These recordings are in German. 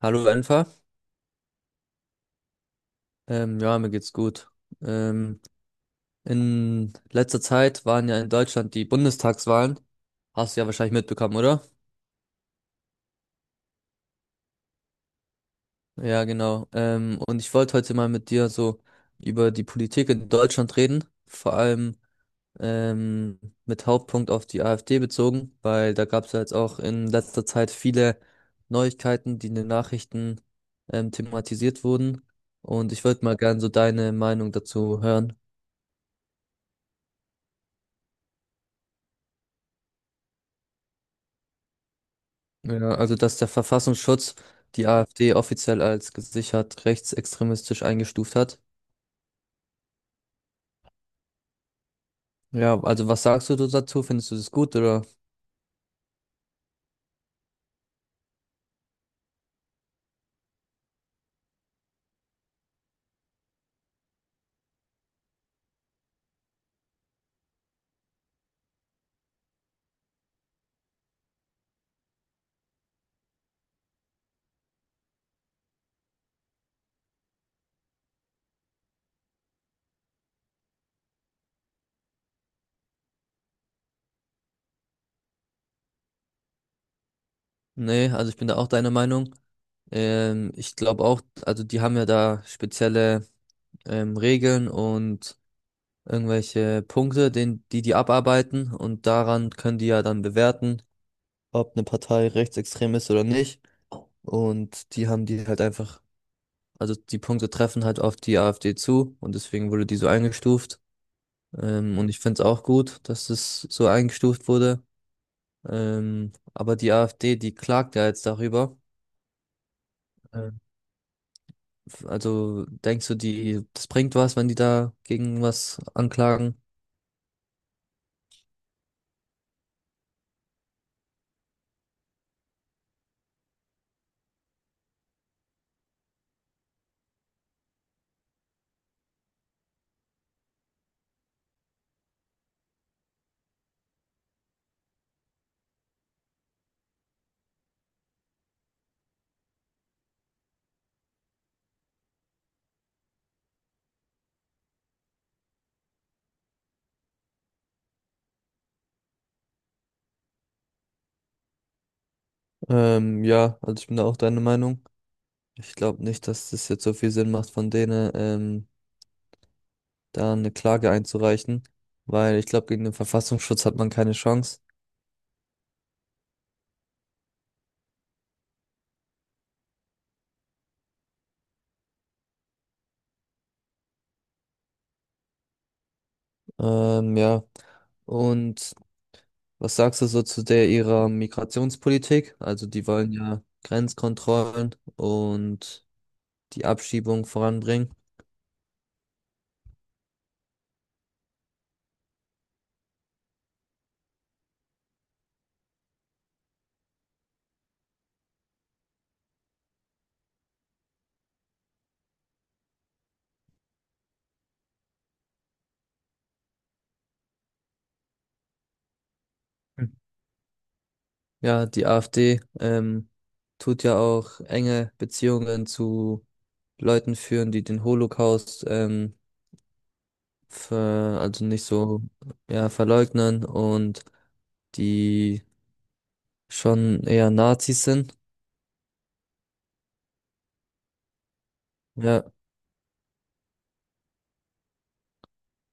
Hallo Enfer. Ja, mir geht's gut. Ähm, in letzter Zeit waren ja in Deutschland die Bundestagswahlen. Hast du ja wahrscheinlich mitbekommen, oder? Ja, genau. Und ich wollte heute mal mit dir so über die Politik in Deutschland reden, vor allem ähm, mit Hauptpunkt auf die AfD bezogen, weil da gab es ja jetzt auch in letzter Zeit viele Neuigkeiten, die in den Nachrichten thematisiert wurden. Und ich wollte mal gern so deine Meinung dazu hören. Ja, also dass der Verfassungsschutz die AfD offiziell als gesichert rechtsextremistisch eingestuft hat. Ja, also was sagst du dazu? Findest du das gut oder? Nee, also ich bin da auch deiner Meinung. Ich glaube auch, also die haben ja da spezielle Regeln und irgendwelche Punkte, die die abarbeiten und daran können die ja dann bewerten, ob eine Partei rechtsextrem ist oder nicht. Und die haben die halt einfach. Also die Punkte treffen halt auf die AfD zu und deswegen wurde die so eingestuft. Und ich finde es auch gut, dass es so eingestuft wurde. Aber die AfD, die klagt ja jetzt darüber. Ähm, also denkst du, das bringt was, wenn die da gegen was anklagen? Ja, also ich bin da auch deiner Meinung. Ich glaube nicht, dass das jetzt so viel Sinn macht, von denen da eine Klage einzureichen, weil ich glaube, gegen den Verfassungsschutz hat man keine Chance. Ja. Und was sagst du so zu der ihrer Migrationspolitik? Also die wollen ja Grenzkontrollen und die Abschiebung voranbringen. Hm. Ja, die AfD tut ja auch enge Beziehungen zu Leuten führen, die den Holocaust also nicht so, ja, verleugnen und die schon eher Nazis sind. Ja,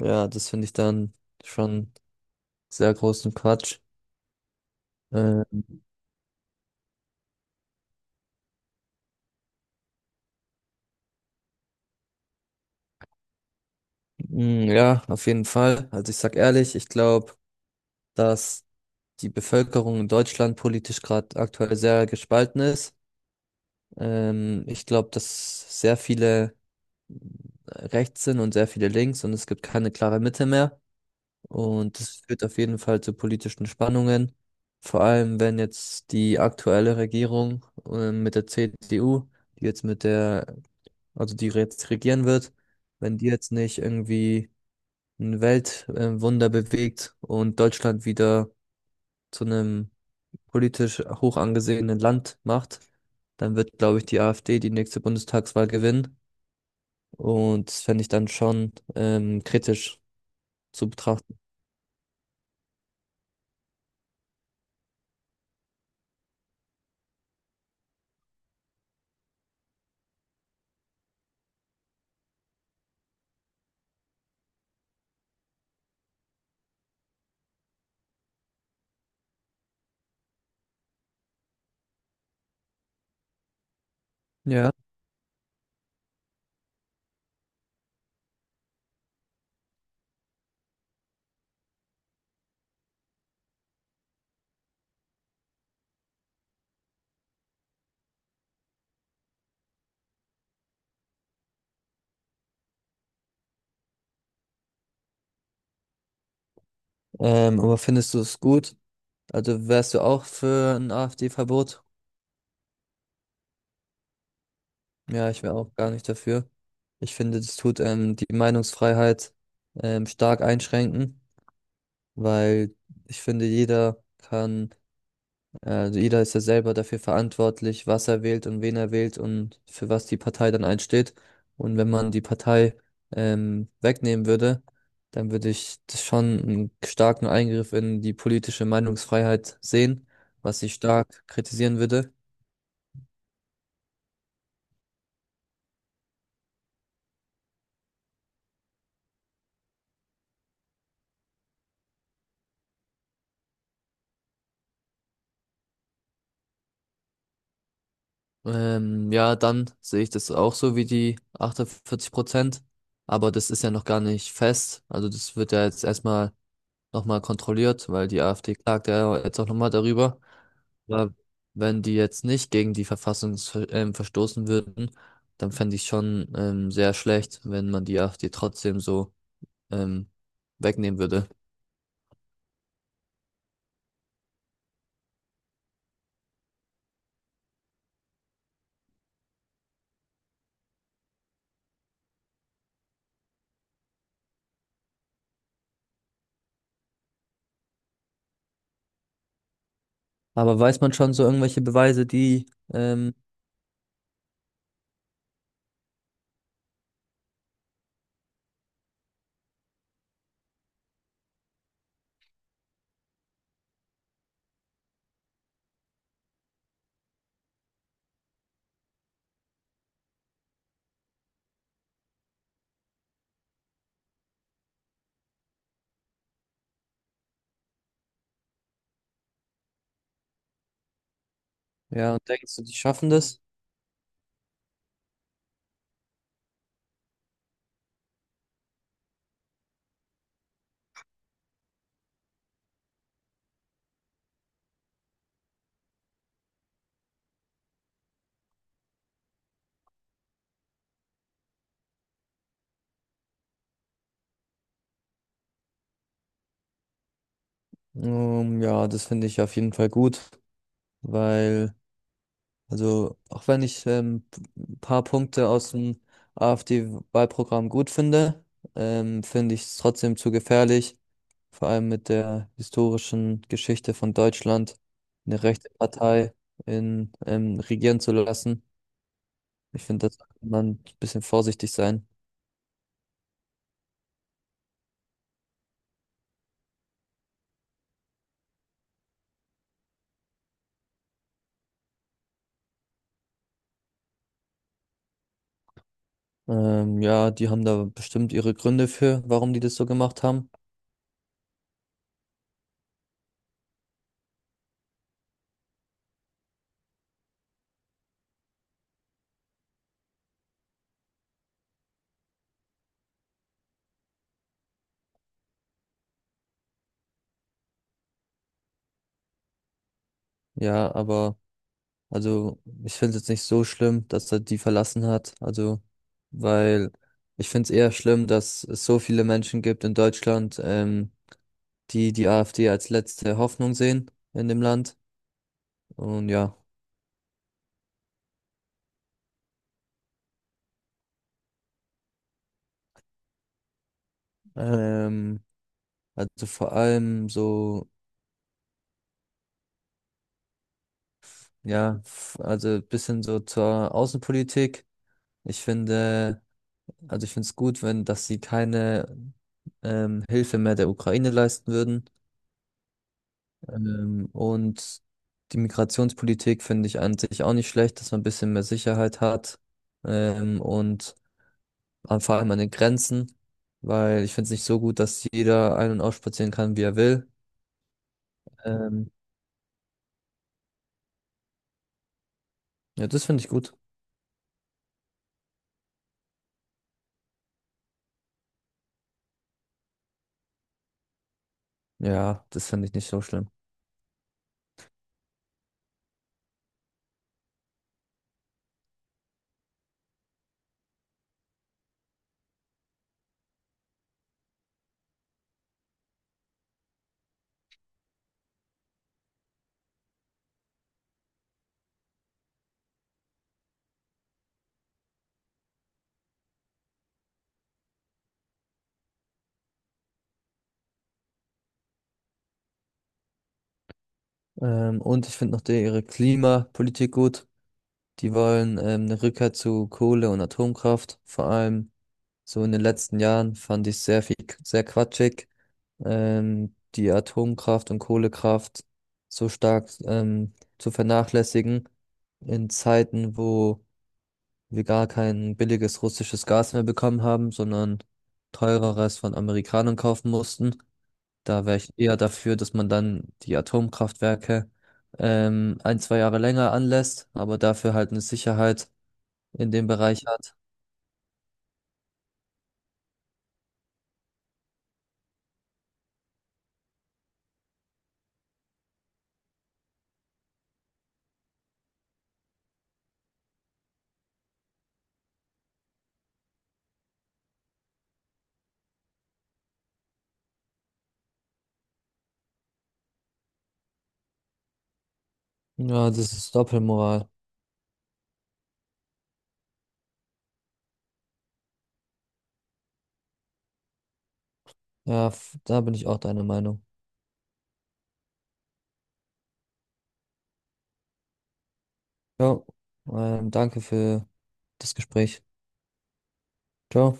ja, das finde ich dann schon sehr großen Quatsch. Äh, Mm, ja, auf jeden Fall. Also ich sag ehrlich, ich glaube, dass die Bevölkerung in Deutschland politisch gerade aktuell sehr gespalten ist. Ich glaube, dass sehr viele rechts sind und sehr viele links und es gibt keine klare Mitte mehr. Und das führt auf jeden Fall zu politischen Spannungen. Vor allem, wenn jetzt die aktuelle Regierung mit der CDU, die jetzt mit der, also die jetzt regieren wird, wenn die jetzt nicht irgendwie ein Weltwunder bewegt und Deutschland wieder zu einem politisch hoch angesehenen Land macht, dann wird, glaube ich, die AfD die nächste Bundestagswahl gewinnen. Und das fände ich dann schon kritisch zu betrachten. Ja. Aber findest du es gut? Also wärst du auch für ein AfD-Verbot? Ja, ich wäre auch gar nicht dafür. Ich finde, das tut die Meinungsfreiheit stark einschränken, weil ich finde, jeder kann. Also jeder ist ja selber dafür verantwortlich, was er wählt und wen er wählt und für was die Partei dann einsteht. Und wenn man die Partei wegnehmen würde, dann würde ich das schon einen starken Eingriff in die politische Meinungsfreiheit sehen, was ich stark kritisieren würde. Ja, dann sehe ich das auch so wie die 48%. Aber das ist ja noch gar nicht fest. Also das wird ja jetzt erstmal nochmal kontrolliert, weil die AfD klagt ja jetzt auch nochmal darüber. Aber wenn die jetzt nicht gegen die Verfassung verstoßen würden, dann fände ich schon sehr schlecht, wenn man die AfD trotzdem so ähm, wegnehmen würde. Aber weiß man schon so irgendwelche Beweise, die? ähm, ja, denkst du, die schaffen das? Ja, das finde ich auf jeden Fall gut, weil. Also, auch wenn ich ein paar Punkte aus dem AfD-Wahlprogramm gut finde, finde ich es trotzdem zu gefährlich, vor allem mit der historischen Geschichte von Deutschland, eine rechte Partei in, regieren zu lassen. Ich finde, da sollte man ein bisschen vorsichtig sein. Ja, die haben da bestimmt ihre Gründe für, warum die das so gemacht haben. Ja, aber. Also, ich finde es jetzt nicht so schlimm, dass er die verlassen hat. Also, weil ich finde es eher schlimm, dass es so viele Menschen gibt in Deutschland, die die AfD als letzte Hoffnung sehen in dem Land. Und ja, ähm, also vor allem so, ja, also bisschen so zur Außenpolitik. Ich finde, also ich finde es gut, wenn, dass sie keine Hilfe mehr der Ukraine leisten würden. Und die Migrationspolitik finde ich an sich auch nicht schlecht, dass man ein bisschen mehr Sicherheit hat. Und vor allem an den Grenzen, weil ich finde es nicht so gut, dass jeder ein- und ausspazieren kann, wie er will. Ähm, ja, das finde ich gut. Ja, das finde ich nicht so schlimm. Und ich finde noch die, ihre Klimapolitik gut. Die wollen eine Rückkehr zu Kohle und Atomkraft, vor allem. So in den letzten Jahren fand ich sehr viel, sehr quatschig, die Atomkraft und Kohlekraft so stark zu vernachlässigen in Zeiten, wo wir gar kein billiges russisches Gas mehr bekommen haben, sondern teureres von Amerikanern kaufen mussten. Da wäre ich eher dafür, dass man dann die Atomkraftwerke ein, zwei Jahre länger anlässt, aber dafür halt eine Sicherheit in dem Bereich hat. Ja, das ist Doppelmoral. Ja, da bin ich auch deiner Meinung. Ja, danke für das Gespräch. Ciao.